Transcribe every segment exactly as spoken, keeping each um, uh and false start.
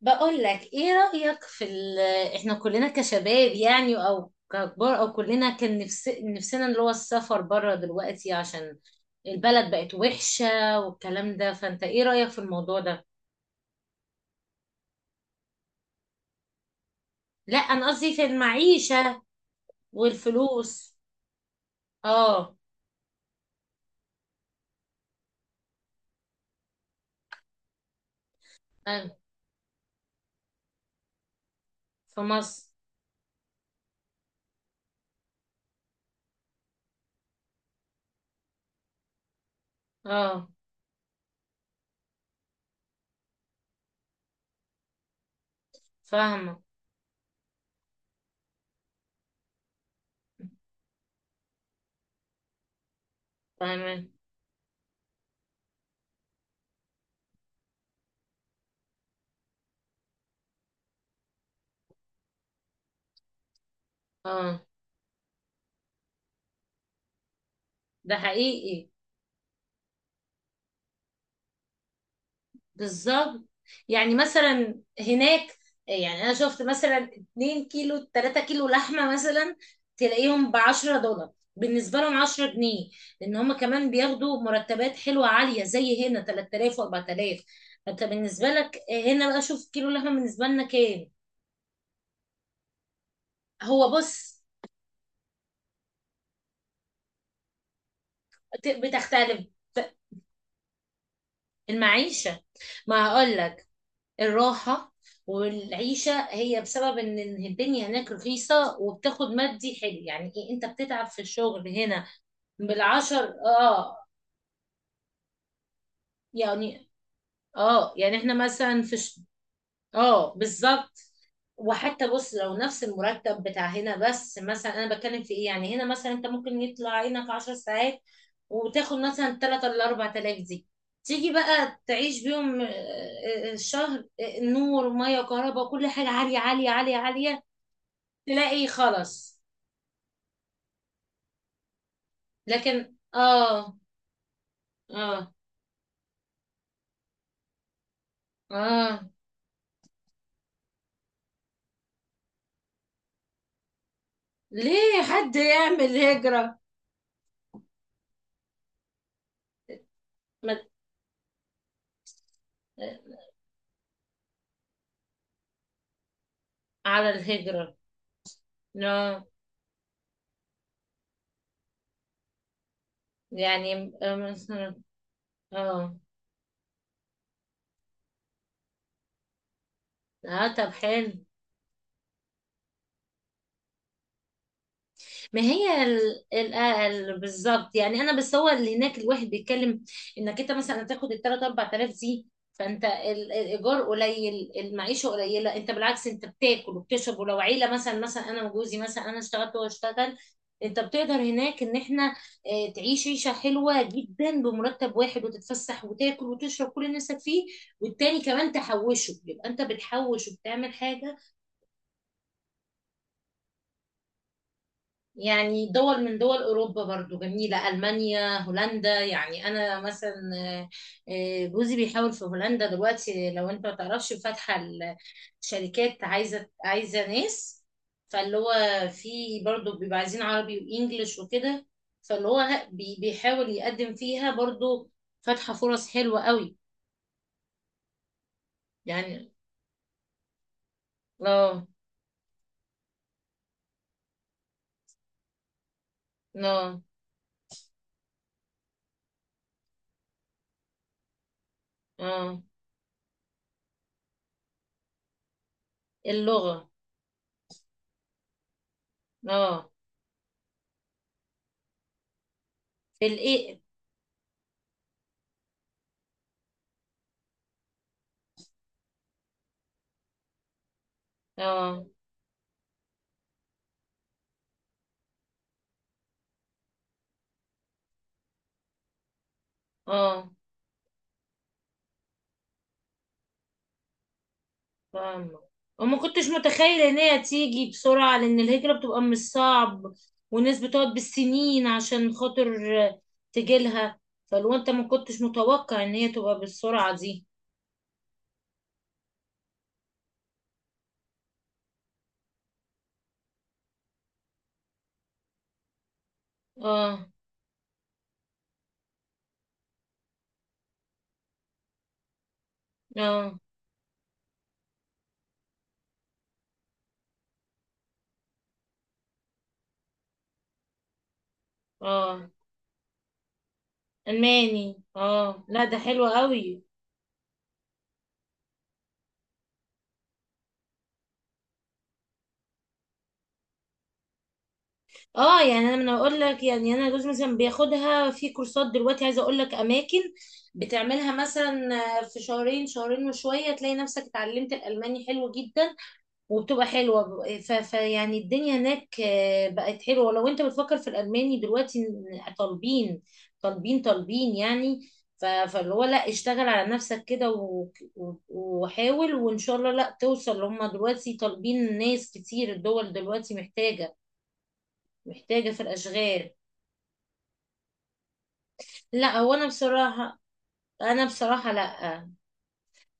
بقول لك ايه رأيك في ال... آه، احنا كلنا كشباب، يعني او ككبار، او كلنا كان نفس... نفسنا اللي هو السفر بره دلوقتي عشان البلد بقت وحشة والكلام ده. فانت ايه رأيك في الموضوع ده؟ لا انا قصدي في المعيشة والفلوس. اه. أنا في مصر. اه. فاهمة. فاهمة. اه. ده حقيقي. بالظبط. يعني مثلا هناك، يعني انا شفت مثلا اثنين كيلو تلاتة كيلو لحمه مثلا تلاقيهم ب عشرة دولار، بالنسبه لهم عشرة جنيه، لان هم كمان بياخدوا مرتبات حلوه عاليه زي هنا ثلاث آلاف و4000. فانت بالنسبه لك هنا بقى شوف كيلو لحمه بالنسبه لنا كام؟ هو بص بتختلف المعيشه. ما هقول الراحة والعيشة هي بسبب ان إن الدنيا هناك رخيصة وبتاخد مادي حلو. يعني ايه، انت بتتعب في الشغل هنا بالعشر. اه. يعني، اه يعني احنا مثلا في ش... اه بالظبط. وحتى بص، لو نفس المرتب بتاع هنا، بس مثلا انا بتكلم في ايه يعني، هنا مثلا انت ممكن يطلع عينك عشر ساعات، وتاخد مثلا تلاتة ولا أربعة آلاف دي، تيجي بقى تعيش بيهم. آه، آه، الشهر، آه، نور ومية وكهرباء وكل حاجة عالية عالية عالية عالية. تلاقي خلاص. لكن اه. اه. اه ليه حد يعمل هجرة. ما- على الهجرة. لا يعني مثلا. اه. اه طب حلو. ما هي ال... ال... ال... بالظبط. يعني انا بس، هو اللي هناك الواحد بيتكلم انك انت مثلا هتاخد ال ثلاثة أربعت آلاف دي، فانت ال... الايجار قليل، المعيشه قليله، انت بالعكس انت بتاكل وبتشرب. ولو عيله مثلا، مثلا انا وجوزي مثلا، انا اشتغلت وهو اشتغل، انت بتقدر هناك ان احنا آه، تعيش عيشه حلوه جدا بمرتب واحد، وتتفسح وتاكل وتشرب كل اللي نفسك فيه. والتاني كمان تحوشه، يبقى انت بتحوش وبتعمل حاجه. يعني دول من دول أوروبا برضو جميلة، ألمانيا، هولندا. يعني أنا مثلا آه، آه، جوزي بيحاول في هولندا دلوقتي. لو أنت ما تعرفش، فاتحة الشركات عايزة عايزة ناس. فاللي هو في، برضو بيبقى عايزين عربي وإنجليش وكده. فاللي هو لا، بي- بيحاول يقدم فيها برضو. فاتحة فرص حلوة قوي. يعني. اه. اه. اه. اللغة. اه. في الإيه. اه. اه. فاهمة. وما كنتش متخيلة ان هي تيجي بسرعة، لان الهجرة بتبقى مش صعب، والناس بتقعد بالسنين عشان خاطر تجيلها. فلو انت ما كنتش متوقع ان هي تبقى بالسرعة دي. اه. اه. اه الماني. اه لا ده حلو قوي. اه يعني انا من اقول لك، يعني انا جوزي مثلا بياخدها في كورسات دلوقتي. عايزه اقول لك اماكن بتعملها مثلا في شهرين، شهرين وشويه تلاقي نفسك اتعلمت الالماني حلو جدا. وبتبقى حلوة ب- ف... فيعني الدنيا هناك آه، بقت حلوة. لو انت بتفكر في الألماني دلوقتي، إن طالبين طالبين طالبين يعني. ف... فاللي هو لا، اشتغل على نفسك كده و... و... وحاول وإن شاء الله لا توصل. هم دلوقتي طالبين ناس كتير. الدول دلوقتي محتاجة محتاجة في الأشغال. لا هو أنا بصراحة. أنا بصراحة لا.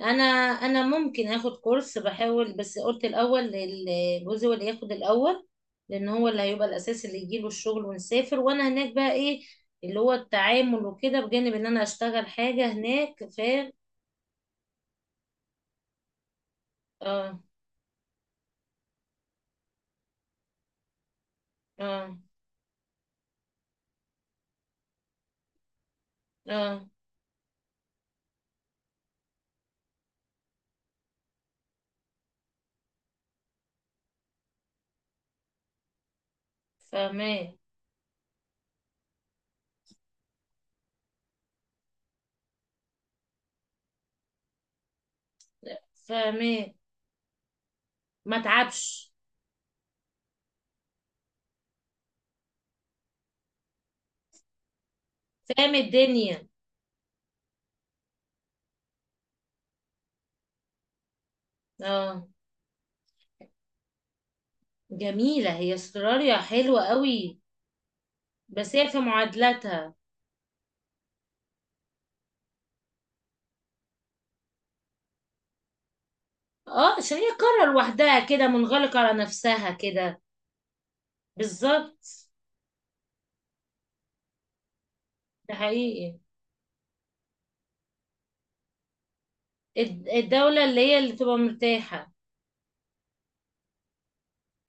انا انا ممكن اخد كورس، بحاول. بس قلت الاول لل- جوزي هو اللي ياخد الاول، لان هو اللي هيبقى الاساس اللي يجيله الشغل ونسافر. وانا هناك بقى ايه اللي هو التعامل وكده، بجانب ان انا اشتغل حاجة هناك. ف اه. اه. اه. فاهمة. فاهمة. ما تعبش. فاهم الدنيا. اه. جميلة هي استراليا، حلوة قوي. بس هي في معادلاتها. اه عشان هي قارة لوحدها كده، منغلقة على نفسها كده. بالظبط. ده حقيقي. الد- الدولة اللي هي اللي تبقى مرتاحة.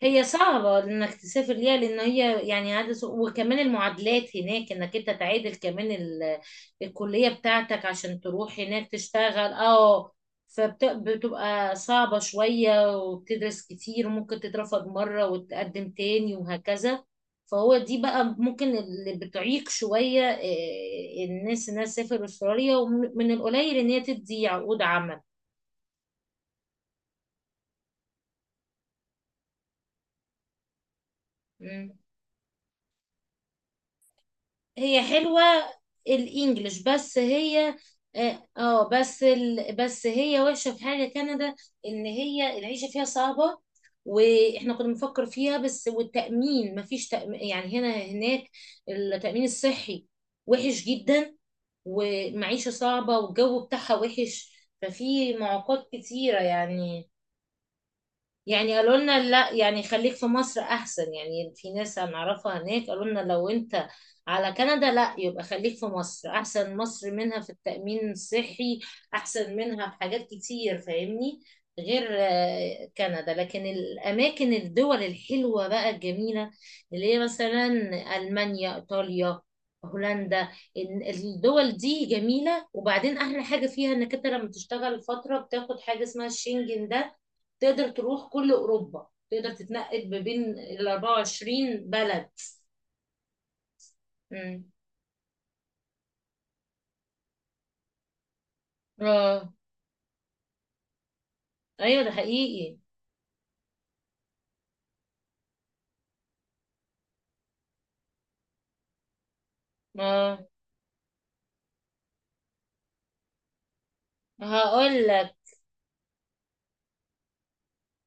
هي صعبة انك تسافر ليها، لان هي يعني عدد، وكمان المعادلات هناك انك انت تعادل كمان ال- الكلية بتاعتك عشان تروح هناك تشتغل. اه. فبتبقى صعبة شوية، وبتدرس كتير، وممكن تترفض مرة وتقدم تاني وهكذا. فهو دي بقى ممكن اللي بتعيق شوية إيه، الناس انها تسافر استراليا. ومن القليل ان هي تدي عقود عمل. مم. هي حلوة، الانجليش، بس هي اه آه، بس ال... بس هي وحشة في حاجة، كندا، ان هي العيشة فيها صعبة. واحنا كنا بنفكر فيها، بس والتأمين مفيش تأمين يعني هنا هناك. التأمين الصحي وحش جدا، ومعيشة صعبة، والجو بتاعها وحش. ففي معوقات كتيرة يعني. يعني قالوا لنا لا، يعني خليك في مصر احسن. يعني في ناس هنعرفها هناك قالوا لنا لو انت على كندا، لا يبقى خليك في مصر احسن. مصر منها في التأمين الصحي احسن منها في حاجات كتير، فاهمني، غير آه، كندا. لكن الاماكن، الدول الحلوة بقى الجميلة، اللي هي مثلا المانيا، ايطاليا، هولندا، إن الدول دي جميلة. وبعدين احلى حاجة فيها انك انت لما تشتغل فترة بتاخد حاجة اسمها الشنجن ده، تقدر تروح كل اوروبا، تقدر تتنقل ما بين ال أربعة وعشرين بلد. امم. اه ايوه ده حقيقي. اه هقول لك.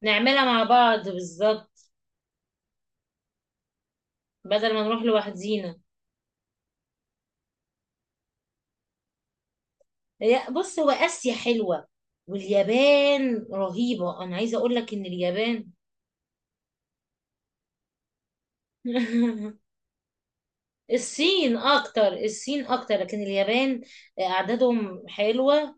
نعملها مع بعض، بالظبط، بدل ما نروح لوحدينا. هي- بص هو اسيا حلوه، واليابان رهيبه. انا عايزه اقول لك ان اليابان الصين اكتر، الصين اكتر، لكن اليابان آه، اعدادهم حلوه.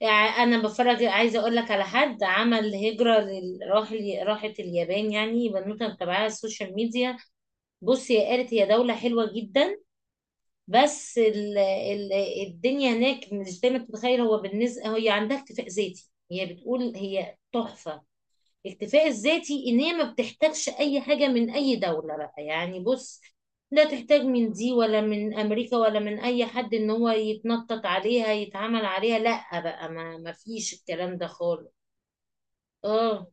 يعني انا بتفرج، عايزه اقول لك على حد عمل هجره لل- راح ال- راحت اليابان. يعني بنوته متابعاها على السوشيال ميديا. بصي هي قالت هي دوله حلوه جدا. بس ال... ال... الدنيا هناك مش زي ما تتخيل. هو بالنسبه هي عندها اكتفاء ذاتي. هي بتقول هي تحفه الاكتفاء الذاتي، ان هي ما بتحتاجش اي حاجه من اي دوله بقى. يعني بص لا تحتاج من دي ولا من امريكا ولا من اي حد ان هو يتنطط عليها يتعامل عليها. لا بقى، ما ما فيش الكلام ده خالص. اه.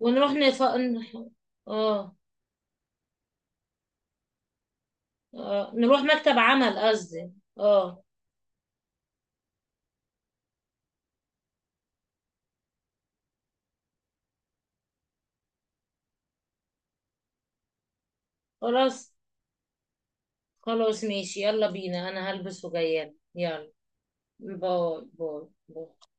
ونروح نف... ن- اه. اه نروح مكتب عمل قصدي. اه. خلاص. خلاص ماشي، يلا بينا، انا هلبس وجايه. يلا باي باي. باي.